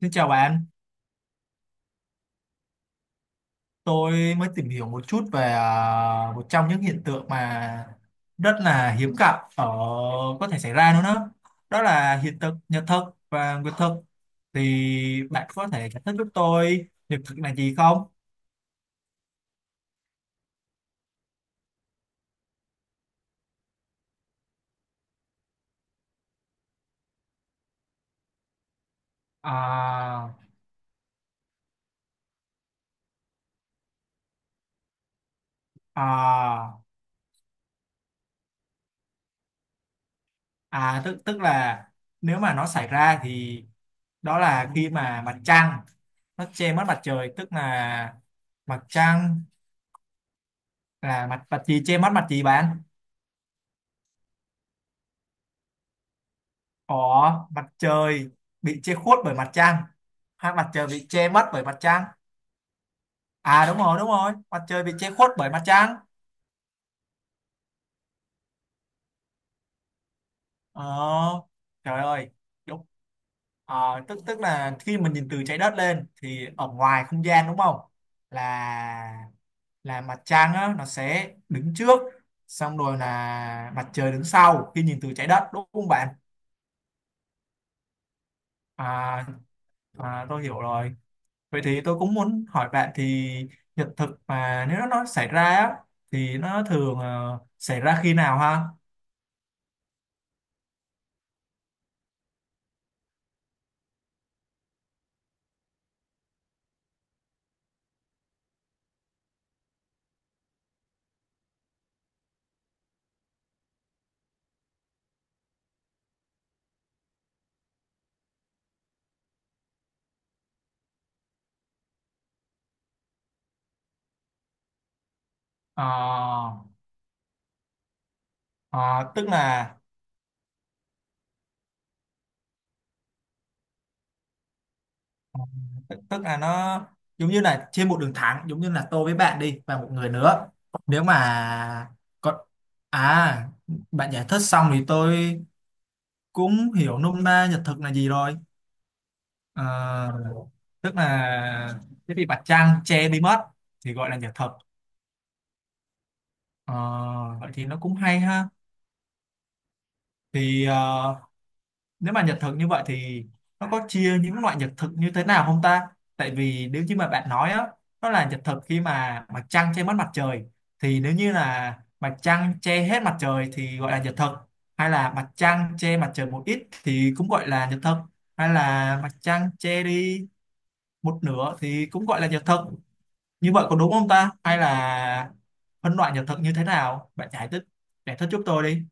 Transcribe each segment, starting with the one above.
Xin chào bạn, tôi mới tìm hiểu một chút về một trong những hiện tượng mà rất là hiếm gặp ở có thể xảy ra nữa đó. Đó là hiện tượng nhật thực và nguyệt thực. Thì bạn có thể giải thích giúp tôi nhật thực là gì không? À, à, à, tức tức là nếu mà nó xảy ra thì đó là khi mà mặt trăng nó che mất mặt trời, tức là mặt trăng là mặt mặt gì che mất mặt gì bạn? Có mặt trời bị che khuất bởi mặt trăng hay mặt trời bị che mất bởi mặt trăng? À, đúng rồi, đúng rồi, mặt trời bị che khuất bởi mặt trăng. Ờ, trời ơi, đúng. Ờ, tức tức là khi mình nhìn từ trái đất lên thì ở ngoài không gian, đúng không? Là là mặt trăng á, nó sẽ đứng trước, xong rồi là mặt trời đứng sau khi nhìn từ trái đất, đúng không bạn? À, à, tôi hiểu rồi. Vậy thì tôi cũng muốn hỏi bạn thì hiện thực mà nếu nó xảy ra á, thì nó thường xảy ra khi nào ha? Ờ, ờ, tức là ờ, tức là nó giống như là trên một đường thẳng, giống như là tôi với bạn đi và một người nữa. Nếu mà còn. À, bạn giải thích xong thì tôi cũng hiểu nôm na nhật thực là gì rồi. Ờ, tức là cái bị mặt trăng che đi mất thì gọi là nhật thực. Ờ, vậy thì nó cũng hay ha. Thì nếu mà nhật thực như vậy thì nó có chia những loại nhật thực như thế nào không ta, tại vì nếu như mà bạn nói á, nó là nhật thực khi mà mặt trăng che mất mặt trời thì nếu như là mặt trăng che hết mặt trời thì gọi là nhật thực, hay là mặt trăng che mặt trời một ít thì cũng gọi là nhật thực, hay là mặt trăng che đi một nửa thì cũng gọi là nhật thực, như vậy có đúng không ta, hay là phân loại nhật thực như thế nào bạn giải thích giúp tôi đi.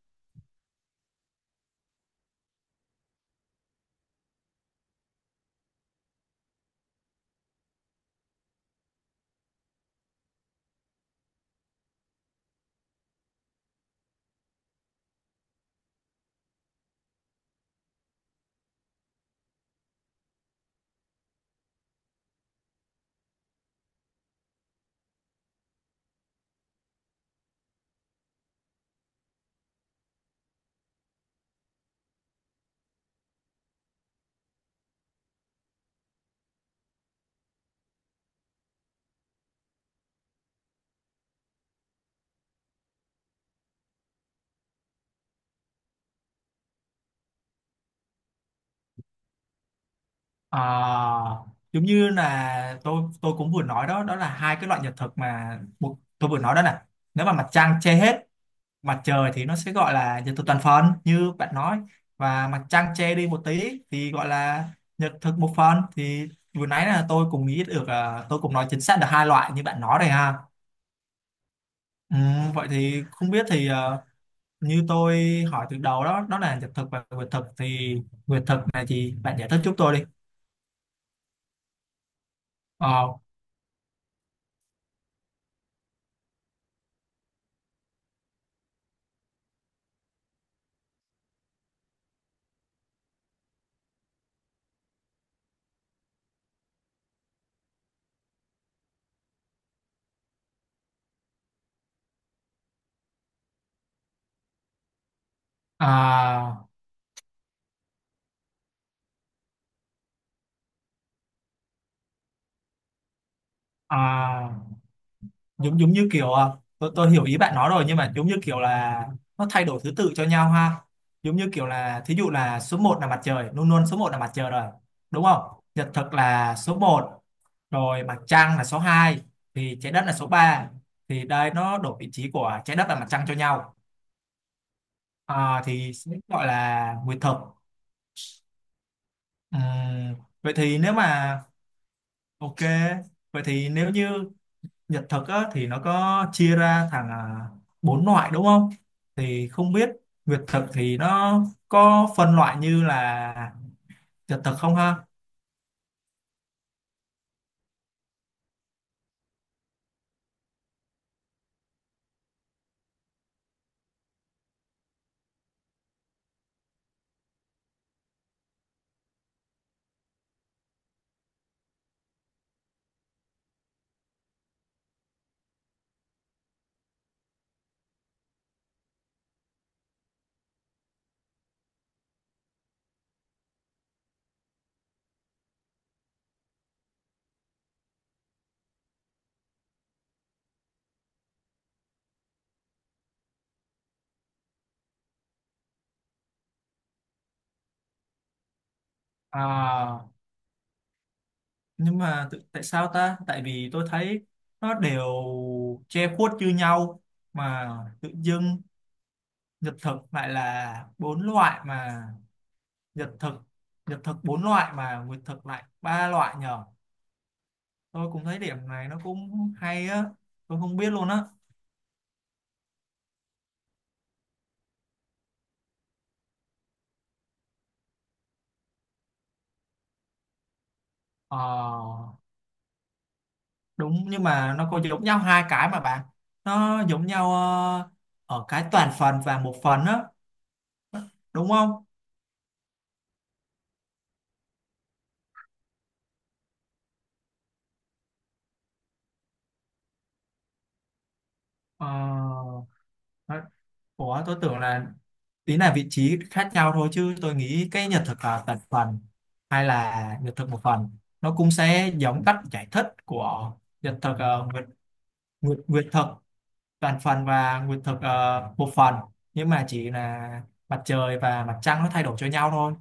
À, giống như là tôi cũng vừa nói đó đó là hai cái loại nhật thực mà một, tôi vừa nói đó nè, nếu mà mặt trăng che hết mặt trời thì nó sẽ gọi là nhật thực toàn phần như bạn nói, và mặt trăng che đi một tí thì gọi là nhật thực một phần thì vừa nãy là tôi cũng nghĩ được, tôi cũng nói chính xác được hai loại như bạn nói đây ha. Ừ, vậy thì không biết thì, như tôi hỏi từ đầu đó đó là nhật thực và nguyệt thực thì nguyệt thực này thì bạn giải thích giúp tôi đi. Ờ, à, À, giống giống như kiểu, tôi hiểu ý bạn nói rồi nhưng mà giống như kiểu là nó thay đổi thứ tự cho nhau ha. Giống như kiểu là thí dụ là số một là mặt trời, luôn luôn số một là mặt trời rồi. Đúng không? Nhật thực là số một, rồi mặt trăng là số hai, thì trái đất là số ba. Thì đây nó đổi vị trí của trái đất và mặt trăng cho nhau. À, thì sẽ gọi là nguyệt thực. Ừm, vậy thì nếu mà ok, vậy thì nếu như nhật thực á, thì nó có chia ra thành, bốn loại đúng không? Thì không biết Việt thực thì nó có phân loại như là nhật thực không ha? À, nhưng mà tại sao ta? Tại vì tôi thấy nó đều che khuất như nhau mà tự dưng nhật thực lại là bốn loại mà Nhật thực Nhật thực bốn loại mà nguyệt thực lại ba loại nhờ. Tôi cũng thấy điểm này nó cũng hay á, tôi không biết luôn á. Ờ, đúng, nhưng mà nó có giống nhau hai cái mà bạn, nó giống nhau ở cái toàn phần và một phần á, đúng không? Ờ, nó- ủa tôi tưởng là tí là vị trí khác nhau thôi, chứ tôi nghĩ cái nhật thực là toàn phần hay là nhật thực một phần nó cũng sẽ giống cách giải thích của nhật thực, nguyệt thực toàn phần và nguyệt thực một phần, nhưng mà chỉ là mặt trời và mặt trăng nó thay đổi cho nhau thôi.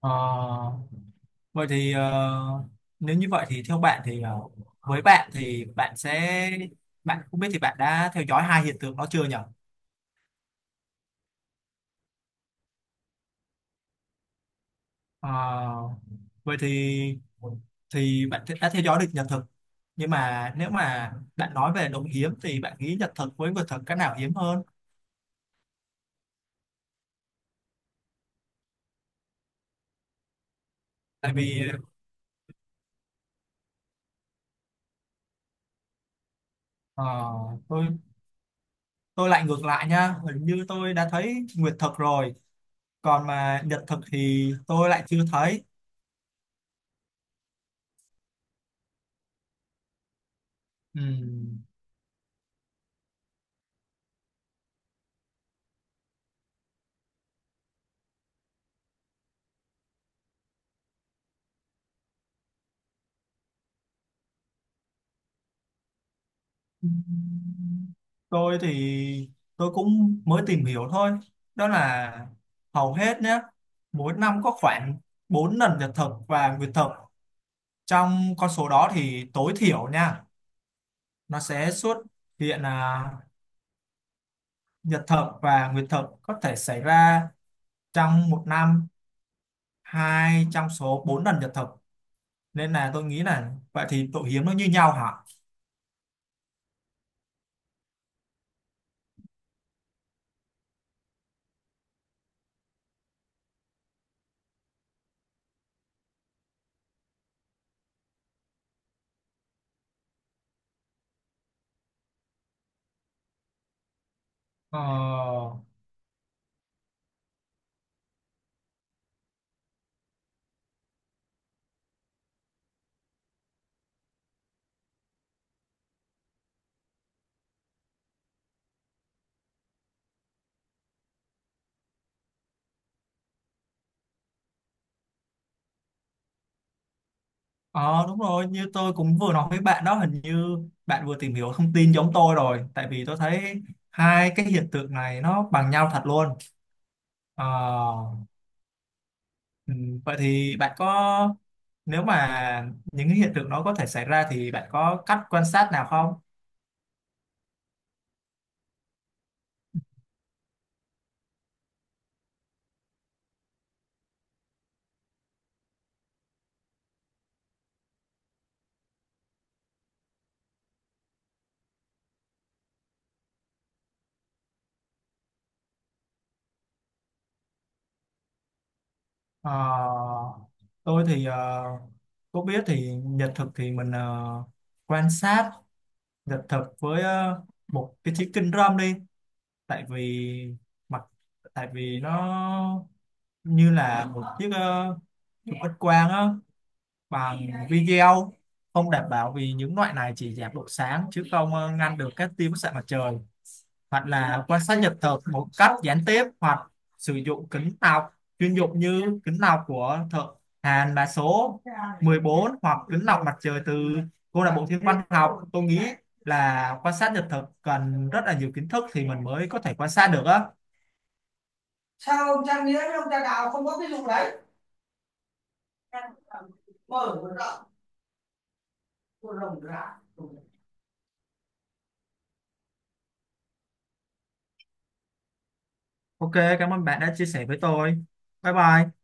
Ờ, vậy thì nếu như vậy thì theo bạn thì, với bạn thì bạn sẽ, bạn không biết thì bạn đã theo dõi hai hiện tượng đó chưa nhỉ? Ờ, vậy thì bạn đã theo dõi được nhật thực, nhưng mà nếu mà bạn nói về đồng hiếm thì bạn nghĩ nhật thực với vật thực cái nào hiếm hơn? Tại vì ờ, tôi tôi lại ngược lại nha, hình như tôi đã thấy nguyệt thực rồi, còn mà nhật thực thì tôi lại chưa thấy. Ừ. Tôi thì tôi cũng mới tìm hiểu thôi, đó là hầu hết nhé, mỗi năm có khoảng 4 lần nhật thực và nguyệt thực, trong con số đó thì tối thiểu nha, nó sẽ xuất hiện là nhật thực và nguyệt thực có thể xảy ra trong một năm hai trong số 4 lần nhật thực, nên là tôi nghĩ là vậy thì độ hiếm nó như nhau hả. ờ Ờ, đúng rồi, như tôi cũng vừa nói với bạn đó, hình như bạn vừa tìm hiểu thông tin giống tôi rồi tại vì tôi thấy hai cái hiện tượng này nó bằng nhau thật luôn. Ờ, ừ, vậy thì bạn có, nếu mà những cái hiện tượng nó có thể xảy ra thì bạn có cách quan sát nào không? Ờ, tôi thì có biết thì nhật thực thì mình quan sát nhật thực với một cái chiếc kính râm đi, tại vì mặt, tại vì nó như là một chiếc chụp X quang á bằng video, không đảm bảo vì những loại này chỉ giảm độ sáng chứ không ngăn được các tia bức xạ mặt trời, hoặc là quan sát nhật thực một cách gián tiếp hoặc sử dụng kính lọc chuyên dụng như kính lọc của thợ Hàn mã số 14 hoặc kính lọc mặt trời từ câu lạc bộ thiên văn học, tôi nghĩ là quan sát nhật thực cần rất là nhiều kiến thức thì mình mới có thể quan sát được á. Sao ông trang nghĩa với ông Trang đào không có cái vụ đấy. Mở rộng. Ok, cảm ơn bạn đã chia sẻ với tôi. Bye bye.